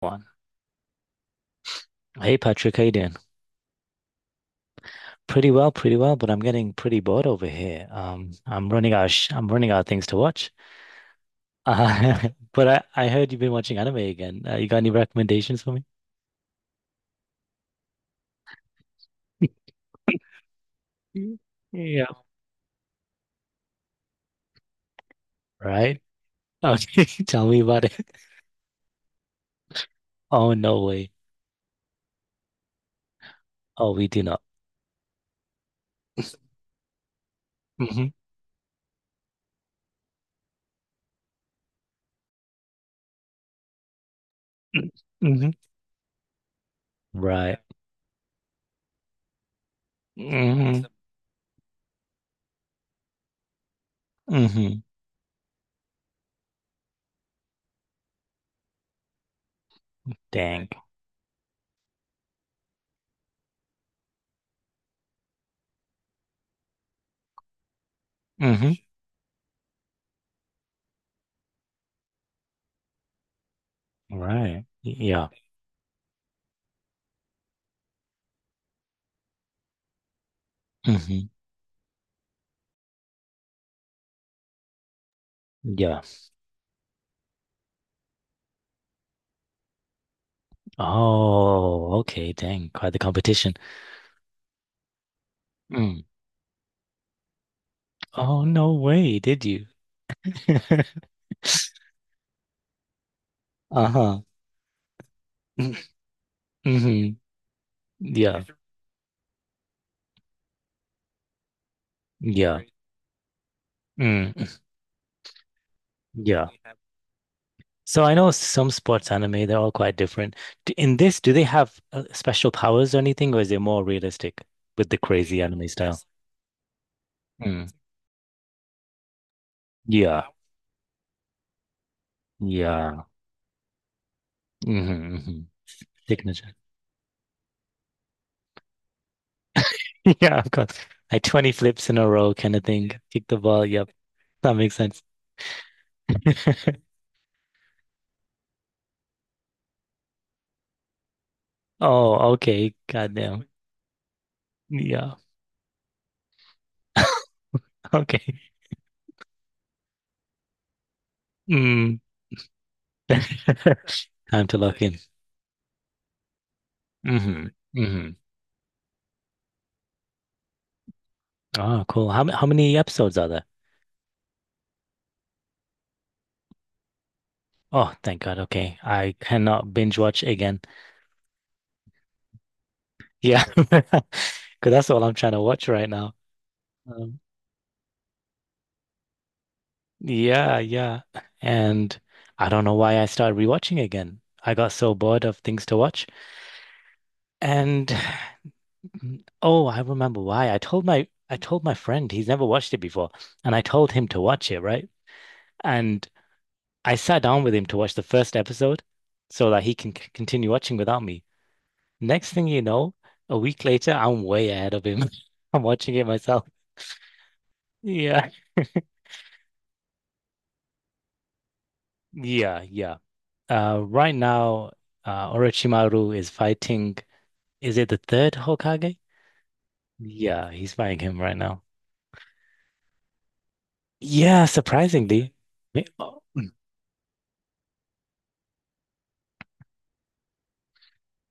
One. Hey Patrick, how you doing? Pretty well, pretty well, but I'm getting pretty bored over here. I'm running out of sh I'm running out of things to watch. Uh, but I heard you've been watching anime again. You got any recommendations for me? Mm. Yeah. Right? Okay, tell me about it. Oh no way. Oh, we do not. Hmm hmm. Right. Hmm hmm. Dang. Hmm. Right. Yeah. Hmm. Yeah. Oh, okay. Dang. Quite the competition. Mm. Oh, no way, did you? Uh-huh. Hmm. Yeah. Yeah, crazy. Mm. Yeah. So I know some sports anime, they're all quite different. In this, do they have special powers or anything, or is it more realistic with the crazy anime style? Mm. Yeah. Yeah. Hmm hmm. Signature. Yeah, of course. Like 20 flips in a row kind of thing. Kick the ball. Yep. That makes sense. Oh, okay. Goddamn. Yeah. Okay. Mm. Time to lock in. Hmm hmm. Oh, cool. How many episodes are there? Oh, thank God. Okay. I cannot binge watch again. Yeah. Because that's all I'm trying to watch right now. Um, yeah, yeah. And I don't know why I started rewatching again. I got so bored of things to watch. And oh, I remember why. I told my friend he's never watched it before, and I told him to watch it, right? And I sat down with him to watch the first episode so that he can c continue watching without me. Next thing you know, a week later, I'm way ahead of him. I'm watching it myself. Yeah. Yeah, yeah. Right now, Orochimaru is fighting. Is it the third Hokage? Yeah, he's fighting him right now. Yeah, surprisingly. Oh, mm.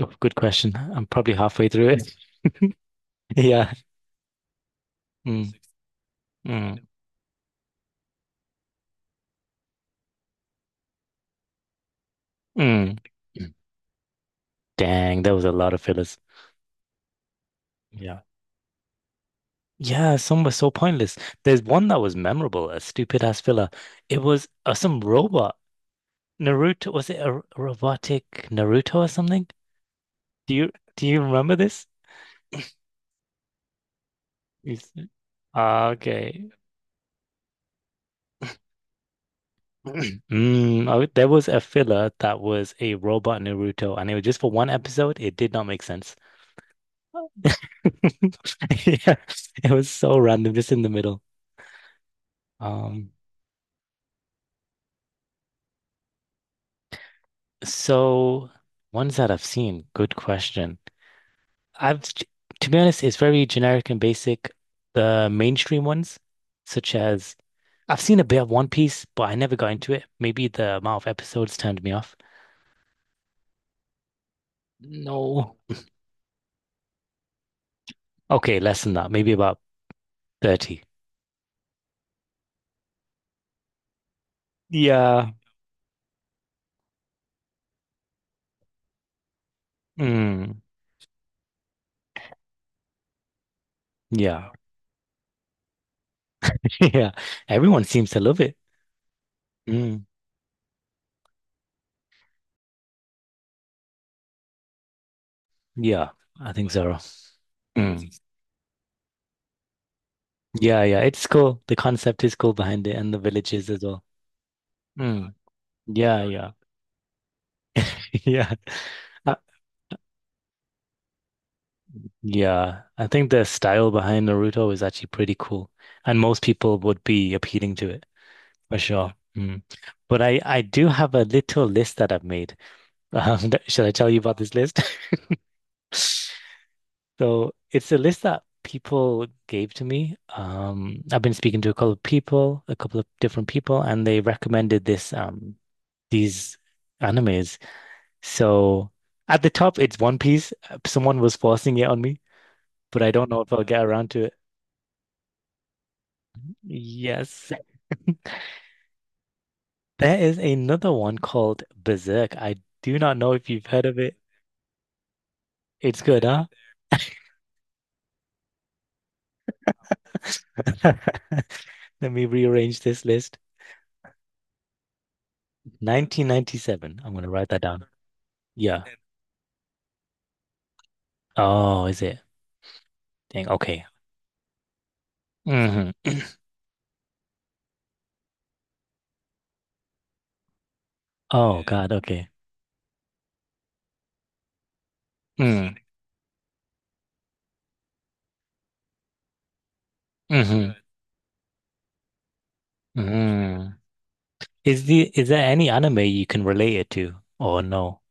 Oh, good question. I'm probably halfway through it. Yeah. Mm, mm, mm. Dang, there was a lot of fillers. Yeah. Yeah, some were so pointless. There's one that was memorable, a stupid ass filler. It was some robot. Naruto, was it a robotic Naruto or something? Do you remember this? Yes. Ah, okay. Mm, oh, there was a filler that was a robot Naruto, and it was just for one episode. It did not make sense. Yeah, it was so random, just in the middle. Um, so ones that I've seen, good question. I've t- to be honest, it's very generic and basic. The mainstream ones, such as I've seen a bit of One Piece, but I never got into it. Maybe the amount of episodes turned me off. No. Okay, less than that, maybe about 30. Yeah. Mm, yeah. Yeah. Everyone seems to love it. Mm, yeah, I think so. Mm. Yeah, yeah. It's cool. The concept is cool behind it and the villages as well. Mm, yeah, yeah. Yeah. Yeah, I think the style behind Naruto is actually pretty cool, and most people would be appealing to it for sure. Mm. But I do have a little list that I've made. Should I tell you about this list? So it's a list that people gave to me. I've been speaking to a couple of people, a couple of different people, and they recommended this these animes. So at the top, it's One Piece. Someone was forcing it on me, but I don't know if I'll get around to it. Yes, there is another one called Berserk. I do not know if you've heard of it. It's good, huh? Let me rearrange this list. 1997. I'm gonna write that down. Yeah. Oh, is it? Dang. Okay. Hmm. Oh God. Okay. Mm. Hmm hmm. Is the is there any anime you can relate it to? Or no?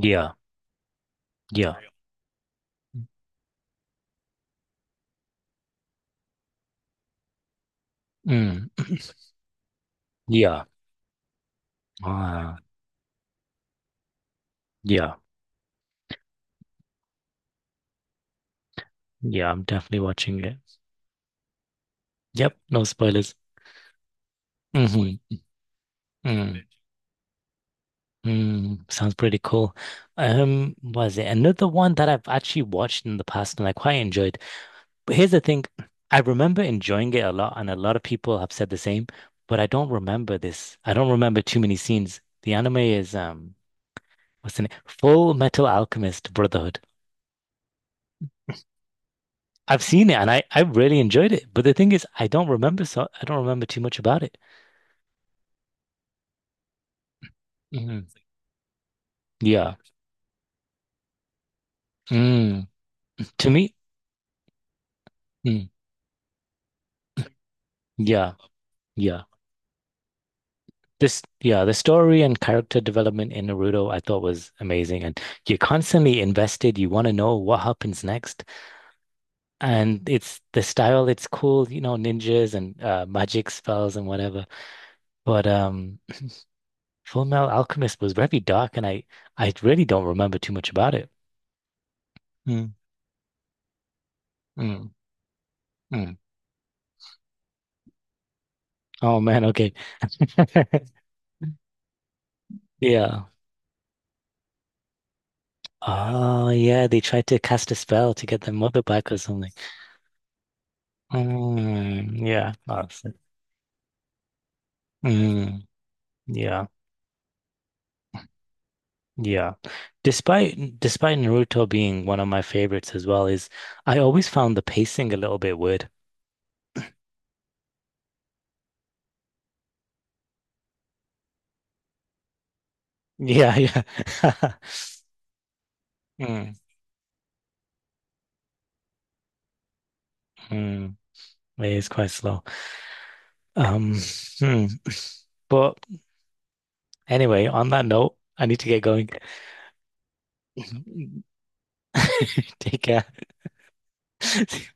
Yeah. Yeah. Mm. Yeah. Ah. Yeah. Yeah. I'm definitely watching it. Yep. No spoilers. Hmm. Mm, mm, sounds pretty cool. Was it another one that I've actually watched in the past and I quite enjoyed? But here's the thing, I remember enjoying it a lot, and a lot of people have said the same, but I don't remember this. I don't remember too many scenes. The anime is what's the name? Full Metal Alchemist Brotherhood. I've seen it and I really enjoyed it, but the thing is, I don't remember too much about it. Mhm. Yeah. Mm. To me, mm, yeah, yeah. This, yeah, the story and character development in Naruto I thought was amazing. And you're constantly invested. You want to know what happens next. And it's the style, it's cool, you know, ninjas and magic spells and whatever. But Full Metal Alchemist was very dark and I really don't remember too much about it. Mm, mm, mm. Oh man, okay. Yeah. Oh yeah, they tried to cast a spell to get their mother back or something. Mm, yeah. Oh, so- Mm, yeah. Yeah. Despite Naruto being one of my favorites as well, is I always found the pacing a little bit weird. Yeah, yeah. Mm, mm. It is quite slow. Um, hmm. But anyway, on that note, I need to get going. Take care.